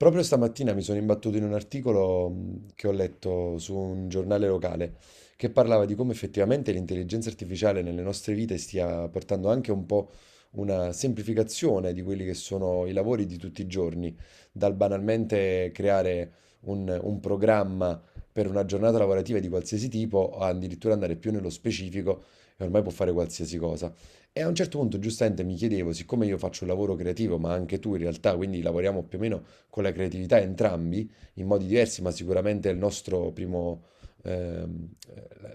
Proprio stamattina mi sono imbattuto in un articolo che ho letto su un giornale locale che parlava di come effettivamente l'intelligenza artificiale nelle nostre vite stia portando anche un po' una semplificazione di quelli che sono i lavori di tutti i giorni, dal banalmente creare un programma per una giornata lavorativa di qualsiasi tipo, a addirittura andare più nello specifico e ormai può fare qualsiasi cosa. E a un certo punto, giustamente, mi chiedevo, siccome io faccio un lavoro creativo, ma anche tu in realtà, quindi lavoriamo più o meno con la creatività entrambi in modi diversi, ma sicuramente il nostro primo, ehm,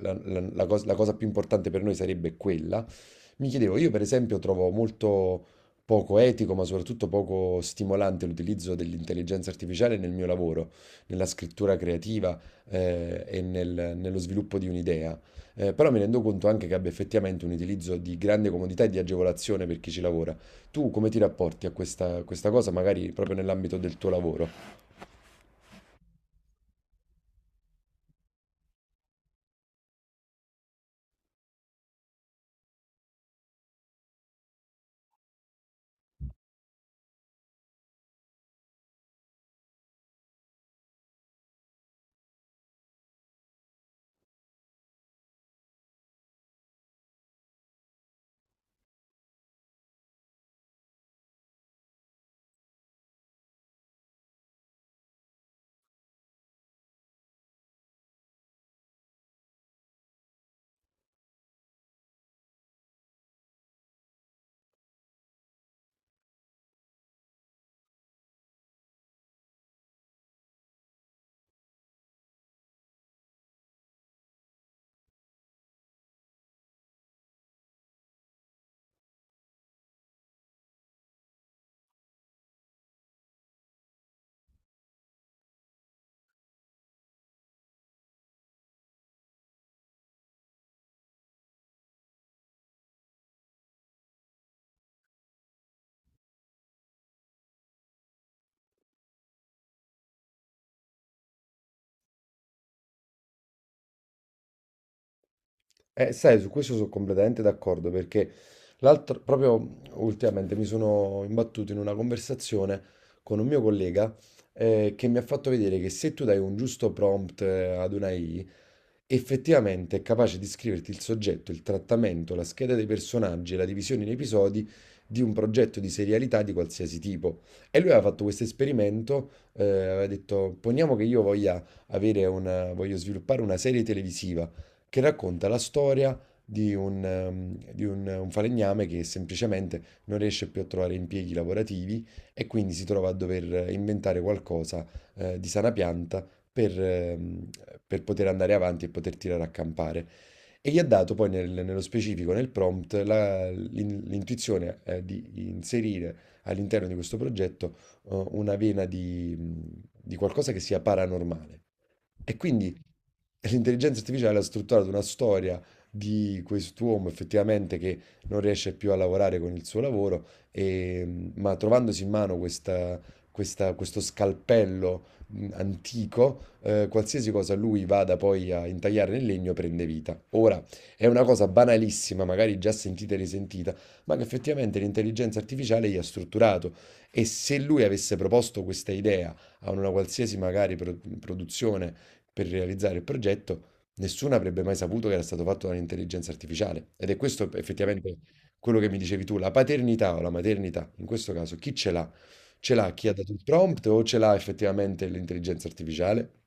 la cosa più importante per noi sarebbe quella. Mi chiedevo, io per esempio trovo molto poco etico, ma soprattutto poco stimolante l'utilizzo dell'intelligenza artificiale nel mio lavoro, nella scrittura creativa, e nello sviluppo di un'idea. Però mi rendo conto anche che abbia effettivamente un utilizzo di grande comodità e di agevolazione per chi ci lavora. Tu come ti rapporti a questa cosa, magari proprio nell'ambito del tuo lavoro? Sai, su questo sono completamente d'accordo perché l'altro, proprio ultimamente mi sono imbattuto in una conversazione con un mio collega che mi ha fatto vedere che se tu dai un giusto prompt ad una AI, effettivamente è capace di scriverti il soggetto, il trattamento, la scheda dei personaggi e la divisione in episodi di un progetto di serialità di qualsiasi tipo. E lui aveva fatto questo esperimento, aveva detto, poniamo che io voglia avere una, voglio sviluppare una serie televisiva che racconta la storia di un, di un falegname che semplicemente non riesce più a trovare impieghi lavorativi e quindi si trova a dover inventare qualcosa, di sana pianta per, ehm, per poter andare avanti e poter tirare a campare. E gli ha dato poi nello specifico, nel prompt, l'intuizione, di inserire all'interno di questo progetto, una vena di qualcosa che sia paranormale. E quindi l'intelligenza artificiale ha strutturato una storia di quest'uomo effettivamente che non riesce più a lavorare con il suo lavoro, ma trovandosi in mano questo scalpello antico, qualsiasi cosa lui vada poi a intagliare nel legno prende vita. Ora, è una cosa banalissima, magari già sentita e risentita, ma che effettivamente l'intelligenza artificiale gli ha strutturato. E se lui avesse proposto questa idea a una qualsiasi magari produzione, per realizzare il progetto, nessuno avrebbe mai saputo che era stato fatto dall'intelligenza artificiale. Ed è questo effettivamente quello che mi dicevi tu, la paternità o la maternità, in questo caso, chi ce l'ha? Ce l'ha chi ha dato il prompt o ce l'ha effettivamente l'intelligenza artificiale?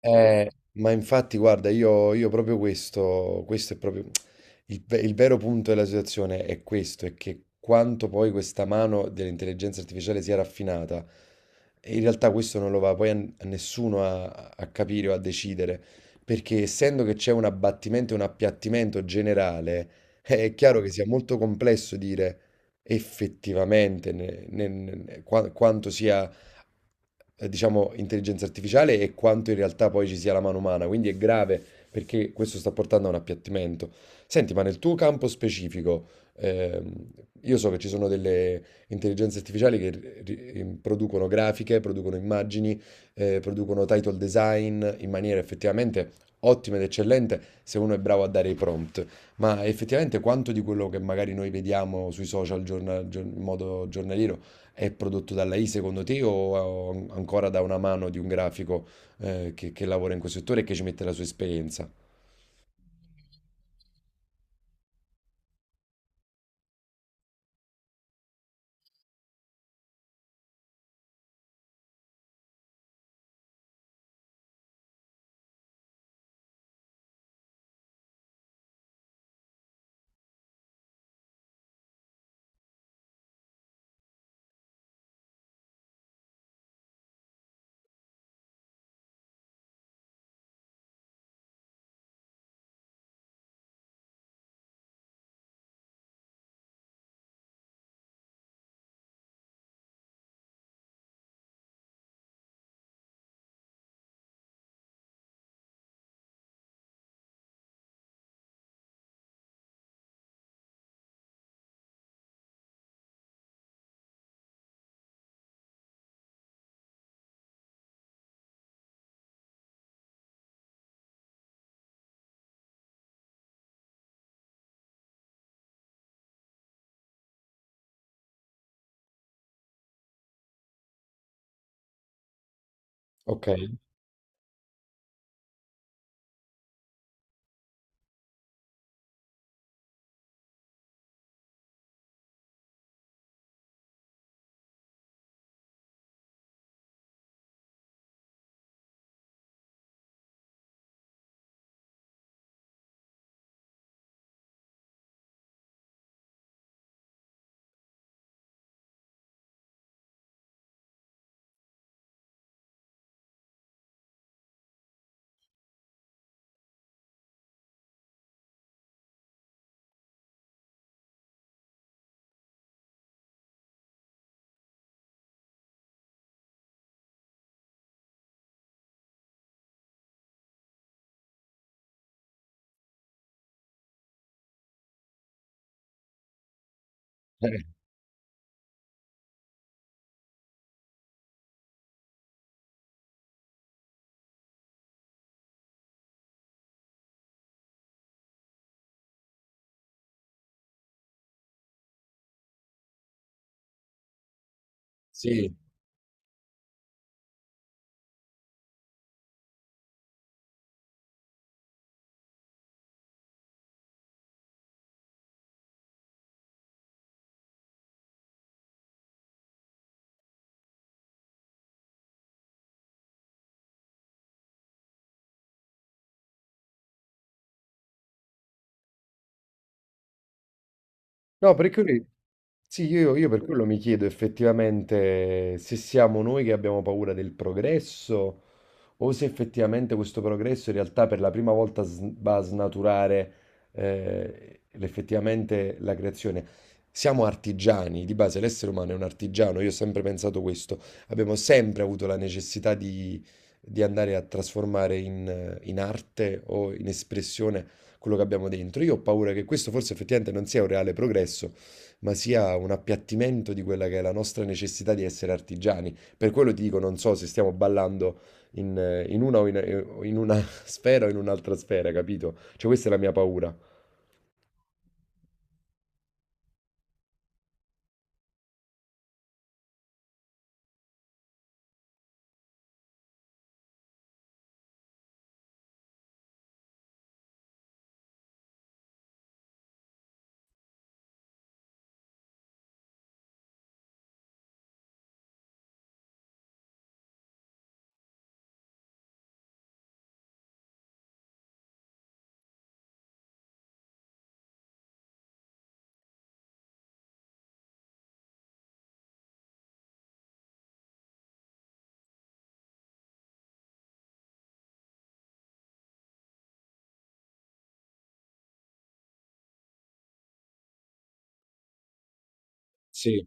Ma infatti, guarda, io proprio questo, questo è proprio il vero punto della situazione è questo, è che quanto poi questa mano dell'intelligenza artificiale sia raffinata, in realtà questo non lo va poi a nessuno a, a capire o a decidere, perché essendo che c'è un abbattimento e un appiattimento generale, è chiaro che sia molto complesso dire effettivamente quanto sia diciamo, intelligenza artificiale e quanto in realtà poi ci sia la mano umana. Quindi è grave perché questo sta portando a un appiattimento. Senti, ma nel tuo campo specifico, ehm, io so che ci sono delle intelligenze artificiali che producono grafiche, producono immagini, producono title design in maniera effettivamente ottima ed eccellente se uno è bravo a dare i prompt. Ma effettivamente quanto di quello che magari noi vediamo sui social in modo giornaliero è prodotto dalla I secondo te o ancora da una mano di un grafico che lavora in quel settore e che ci mette la sua esperienza? Okay, eh, sì. No, perché lui sì, io per quello mi chiedo effettivamente se siamo noi che abbiamo paura del progresso o se effettivamente questo progresso in realtà per la prima volta va a snaturare effettivamente la creazione. Siamo artigiani, di base l'essere umano è un artigiano, io ho sempre pensato questo, abbiamo sempre avuto la necessità di andare a trasformare in, in arte o in espressione quello che abbiamo dentro. Io ho paura che questo forse effettivamente non sia un reale progresso ma sia un appiattimento di quella che è la nostra necessità di essere artigiani. Per quello ti dico, non so se stiamo ballando in, in una o in una sfera o in un'altra sfera, capito? Cioè, questa è la mia paura. Sì.